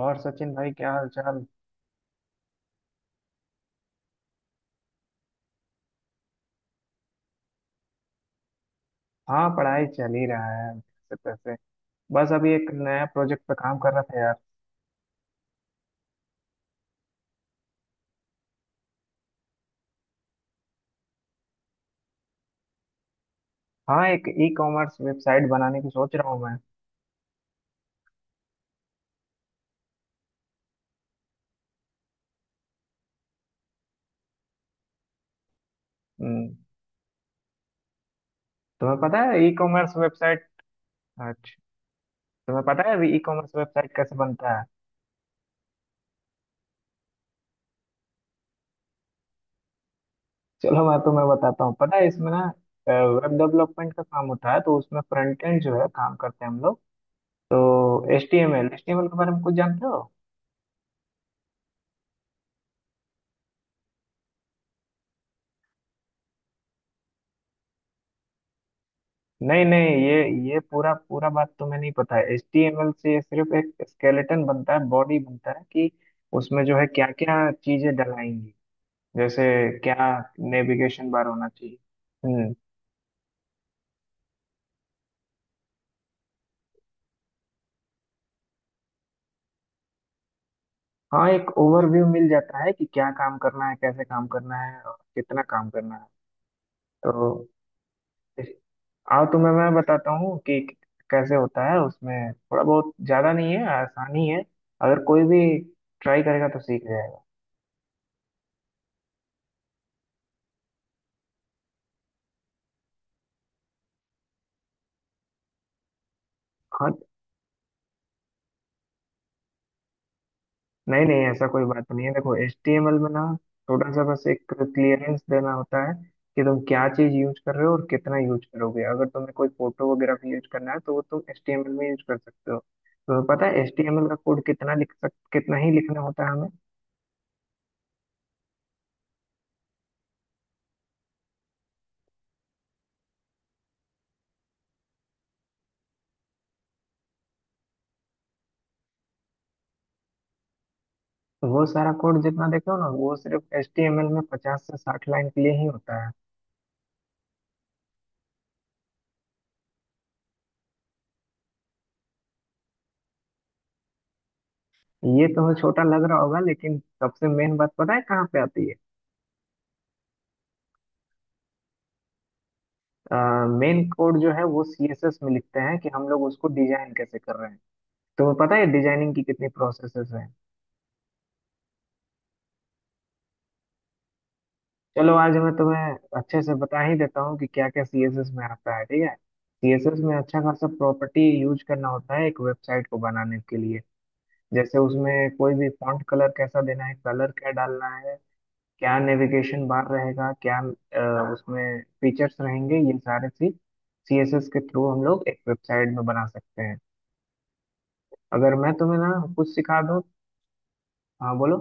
और सचिन भाई क्या हाल चाल? हाँ, पढ़ाई चल ही रहा है जैसे तैसे। बस अभी एक नया प्रोजेक्ट पे काम कर रहा था यार। हाँ, एक ई कॉमर्स वेबसाइट बनाने की सोच रहा हूँ मैं। हम्म, तुम्हें पता है ई कॉमर्स वेबसाइट। अच्छा, तुम्हें पता है अभी ई कॉमर्स वेबसाइट कैसे बनता है? चलो मैं तुम्हें बताता हूँ, पता है इसमें ना, वेब डेवलपमेंट का काम होता है तो उसमें फ्रंट एंड जो है काम करते हैं हम लोग। तो एच टी एम एल के बारे में कुछ जानते हो? नहीं नहीं, ये पूरा पूरा बात तो मैं नहीं पता है। HTML से ये सिर्फ एक स्केलेटन बनता है, बॉडी बनता है कि उसमें जो है क्या क्या चीजें डलाएंगी। जैसे क्या नेविगेशन बार होना चाहिए। हम्म। हाँ, एक ओवरव्यू मिल जाता है कि क्या काम करना है, कैसे काम करना है और कितना काम करना है। तो इस- आओ तुम्हें मैं बताता हूँ कि कैसे होता है। उसमें थोड़ा बहुत ज्यादा नहीं है, आसानी है। अगर कोई भी ट्राई करेगा तो सीख जाएगा। हाँ, नहीं नहीं ऐसा कोई बात नहीं है। देखो HTML में ना थोड़ा सा बस एक क्लियरेंस देना होता है कि तुम क्या चीज यूज कर रहे हो और कितना यूज करोगे। अगर तुम्हें कोई फोटो वगैरह भी यूज करना है तो वो तुम HTML में यूज कर सकते हो। तुम्हें पता है HTML का कोड कितना लिख सक कितना ही लिखना होता है हमें? तो वो सारा कोड जितना देखो ना वो सिर्फ HTML में 50 से 60 लाइन के लिए ही होता है। ये तुम्हें छोटा लग रहा होगा, लेकिन सबसे मेन बात पता है कहाँ पे आती है? मेन कोड जो है वो CSS में लिखते हैं कि हम लोग उसको डिजाइन कैसे कर रहे हैं। तो पता है डिजाइनिंग की कितनी प्रोसेसेस हैं? चलो आज मैं तुम्हें अच्छे से बता ही देता हूँ कि क्या क्या सीएसएस में आता है। ठीक है, सीएसएस में अच्छा खासा प्रॉपर्टी यूज करना होता है एक वेबसाइट को बनाने के लिए। जैसे उसमें कोई भी फॉन्ट कलर कैसा देना है, कलर क्या डालना है, क्या नेविगेशन बार रहेगा, क्या उसमें फीचर्स रहेंगे, ये सारे चीज सीएसएस के थ्रू हम लोग एक वेबसाइट में बना सकते हैं। अगर मैं तुम्हें ना कुछ सिखा दूँ। हाँ बोलो।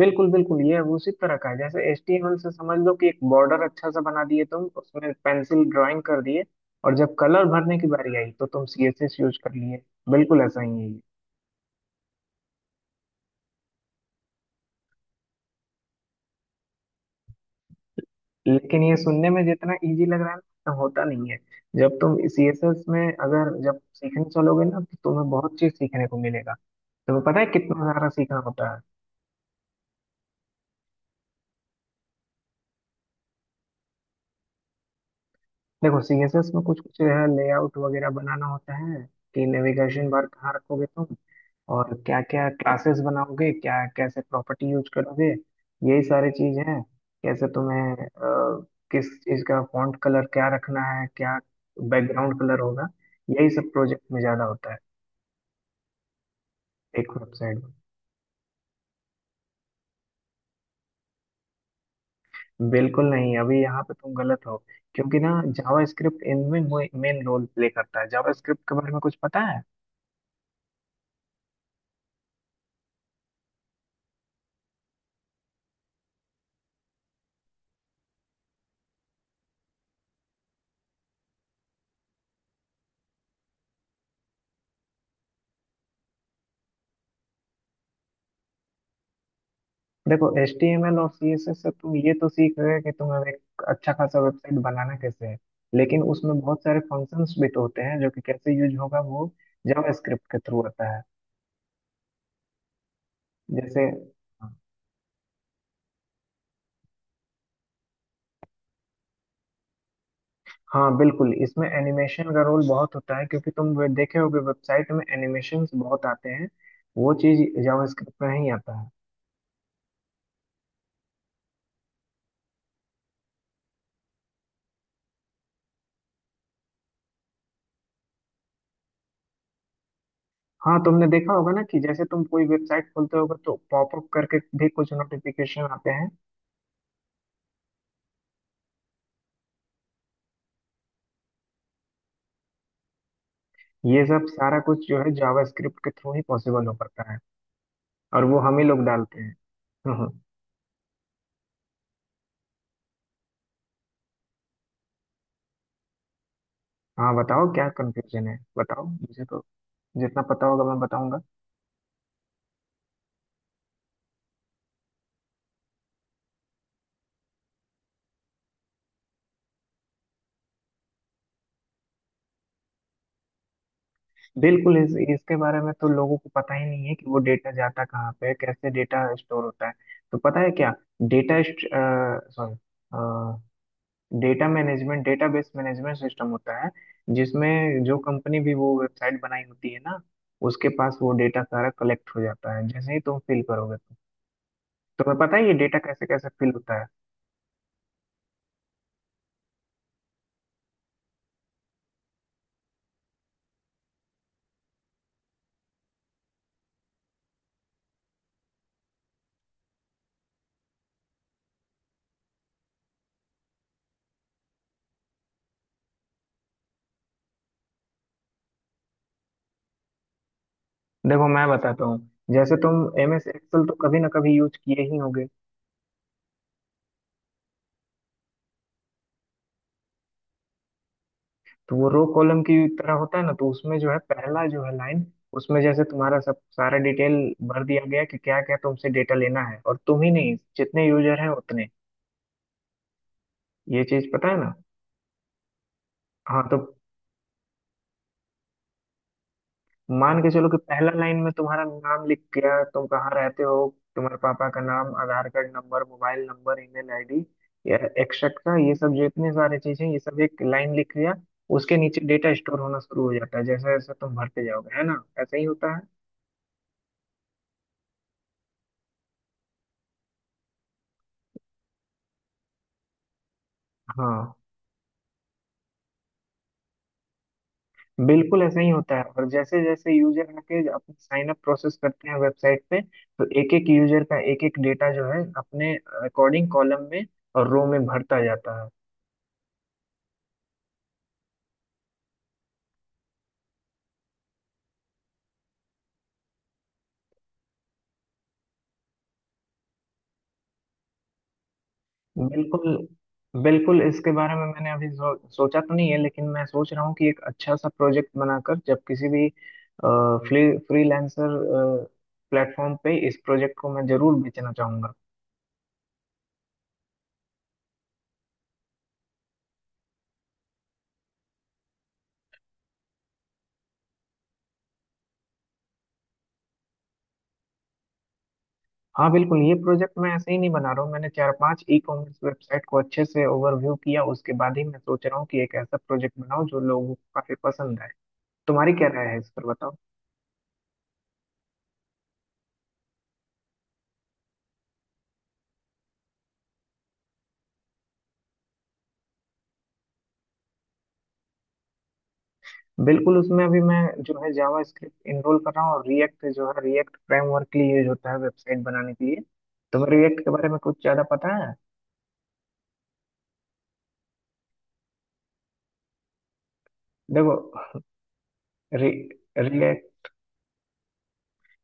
बिल्कुल बिल्कुल ये उसी तरह का है जैसे एचटीएमएल से समझ लो कि एक बॉर्डर अच्छा सा बना दिए तुम, उसमें पेंसिल ड्राइंग कर दिए और जब कलर भरने की बारी आई तो तुम सीएसएस यूज कर लिए। बिल्कुल ऐसा ही है ये। लेकिन ये सुनने में जितना इजी लग रहा है ना, उतना होता नहीं है। जब तुम सीएसएस में अगर जब सीखने चलोगे ना, तो तुम्हें बहुत चीज सीखने को मिलेगा। तुम्हें पता है कितना सारा सीखना होता है? देखो सीएसएस में कुछ कुछ है, लेआउट वगैरह बनाना होता है कि नेविगेशन बार कहाँ रखोगे तुम और क्या क्या क्लासेस बनाओगे, क्या कैसे प्रॉपर्टी यूज करोगे। यही सारी चीज है, कैसे तुम्हें किस चीज का फॉन्ट कलर क्या रखना है, क्या बैकग्राउंड कलर होगा। यही सब प्रोजेक्ट में ज्यादा होता है। एक वेबसाइट में बिल्कुल नहीं, अभी यहाँ पे तुम गलत हो क्योंकि ना, जावा स्क्रिप्ट इनमें मेन रोल प्ले करता है। जावा स्क्रिप्ट के बारे में कुछ पता है? देखो HTML और CSS से तुम ये तो सीख गए कि तुम्हें एक अच्छा खासा वेबसाइट बनाना कैसे है। लेकिन उसमें बहुत सारे फंक्शंस भी तो होते हैं जो कि कैसे यूज होगा, वो जावा स्क्रिप्ट के थ्रू होता है। जैसे। हाँ बिल्कुल, इसमें एनिमेशन का रोल बहुत होता है क्योंकि तुम देखे होगे वेबसाइट में एनिमेशंस बहुत आते हैं। वो चीज जावास्क्रिप्ट में ही आता है। हाँ, तुमने देखा होगा ना कि जैसे तुम कोई वेबसाइट खोलते होगे तो पॉपअप करके भी कुछ नोटिफिकेशन आते हैं। ये सब सारा कुछ जो है जावास्क्रिप्ट के थ्रू ही पॉसिबल हो पाता है, और वो हम ही लोग डालते हैं। हम्म, हम्म। हाँ बताओ, क्या कंफ्यूजन है? बताओ मुझे तो, जितना पता होगा मैं बताऊंगा। बिल्कुल इसके बारे में तो लोगों को पता ही नहीं है कि वो डेटा जाता कहाँ पे है, कैसे डेटा स्टोर होता है। तो पता है क्या? Data sorry data management database management system होता है जिसमें जो कंपनी भी वो वेबसाइट बनाई होती है ना, उसके पास वो डेटा सारा कलेक्ट हो जाता है जैसे ही तुम फिल करोगे तो। तुम्हें पता है ये डेटा कैसे कैसे फिल होता है? देखो मैं बताता हूँ। जैसे तुम MS एक्सेल तो कभी ना कभी यूज किए ही होगे। तो वो रो कॉलम की तरह होता है ना, तो उसमें जो है पहला जो है लाइन, उसमें जैसे तुम्हारा सब सारा डिटेल भर दिया गया कि क्या क्या तुमसे डेटा लेना है। और तुम ही नहीं, जितने यूजर हैं उतने। ये चीज पता है ना? हाँ तो मान के चलो कि पहला लाइन में तुम्हारा नाम लिख गया, तुम कहाँ रहते हो, तुम्हारे पापा का नाम, Aadhaar card number, mobile number, email ID या एक्सेट्रा, ये सब जितने सारे चीजें ये सब एक लाइन लिख लिया। उसके नीचे डेटा स्टोर होना शुरू हो जाता है जैसे जैसे तुम भरते जाओगे, है ना, ऐसा ही होता है। हाँ, बिल्कुल ऐसा ही होता है, और जैसे जैसे यूजर आके अपने साइन अप प्रोसेस करते हैं वेबसाइट पे, तो एक एक यूजर का एक एक डेटा जो है अपने अकॉर्डिंग कॉलम में और रो में भरता जाता है। बिल्कुल, बिल्कुल इसके बारे में मैंने अभी सोचा तो नहीं है, लेकिन मैं सोच रहा हूँ कि एक अच्छा सा प्रोजेक्ट बनाकर जब किसी भी फ्री फ्रीलांसर प्लेटफॉर्म पे इस प्रोजेक्ट को मैं जरूर बेचना चाहूंगा। हाँ बिल्कुल, ये प्रोजेक्ट मैं ऐसे ही नहीं बना रहा हूँ। मैंने चार पांच ई कॉमर्स वेबसाइट को अच्छे से ओवरव्यू किया, उसके बाद ही मैं सोच रहा हूँ कि एक ऐसा प्रोजेक्ट बनाऊं जो लोगों को काफी पसंद आए। तुम्हारी क्या राय है इस पर बताओ? बिल्कुल, उसमें अभी मैं जो है जावा स्क्रिप्ट इनरोल कर रहा हूँ और रिएक्ट जो है, रिएक्ट फ्रेमवर्क के लिए यूज होता है वेबसाइट बनाने के लिए। तुम्हें रिएक्ट के बारे में कुछ ज्यादा पता है? देखो रि, रिएक्ट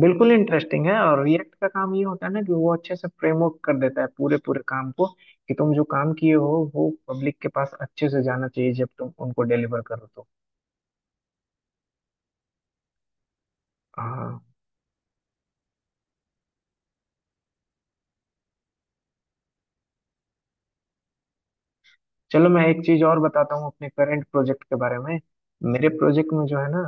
बिल्कुल इंटरेस्टिंग है, और रिएक्ट का काम ये होता है ना कि वो अच्छे से फ्रेमवर्क कर देता है पूरे पूरे काम को कि तुम जो काम किए हो वो पब्लिक के पास अच्छे से जाना चाहिए जब तुम उनको डिलीवर करो तो। हाँ, चलो मैं एक चीज और बताता हूँ अपने करंट प्रोजेक्ट के बारे में। मेरे प्रोजेक्ट में जो है ना,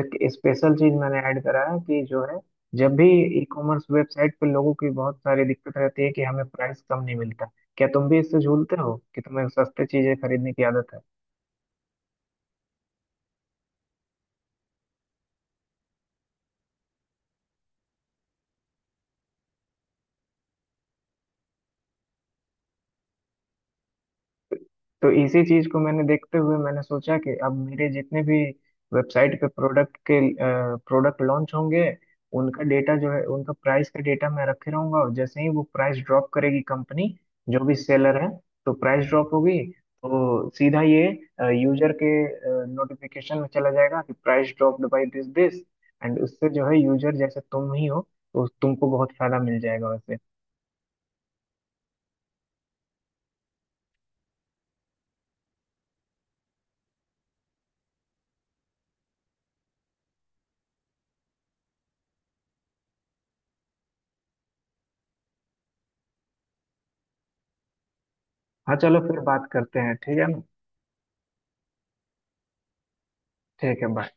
एक स्पेशल चीज मैंने ऐड करा है कि जो है, जब भी ई कॉमर्स वेबसाइट पे लोगों की बहुत सारी दिक्कत रहती है कि हमें प्राइस कम नहीं मिलता। क्या तुम भी इससे झूलते हो कि तुम्हें सस्ते चीजें खरीदने की आदत है? तो इसी चीज को मैंने देखते हुए मैंने सोचा कि अब मेरे जितने भी वेबसाइट पे प्रोडक्ट लॉन्च होंगे, उनका डेटा जो है, उनका प्राइस का डेटा मैं रखे रहूंगा। और जैसे ही वो प्राइस ड्रॉप करेगी कंपनी, जो भी सेलर है, तो प्राइस ड्रॉप होगी तो सीधा ये यूजर के नोटिफिकेशन में चला जाएगा कि price dropped by this this and उससे जो है यूजर जैसे तुम ही हो तो तुमको बहुत फायदा मिल जाएगा वैसे। हाँ, चलो फिर बात करते हैं, ठीक है ना। ठीक है, बाय।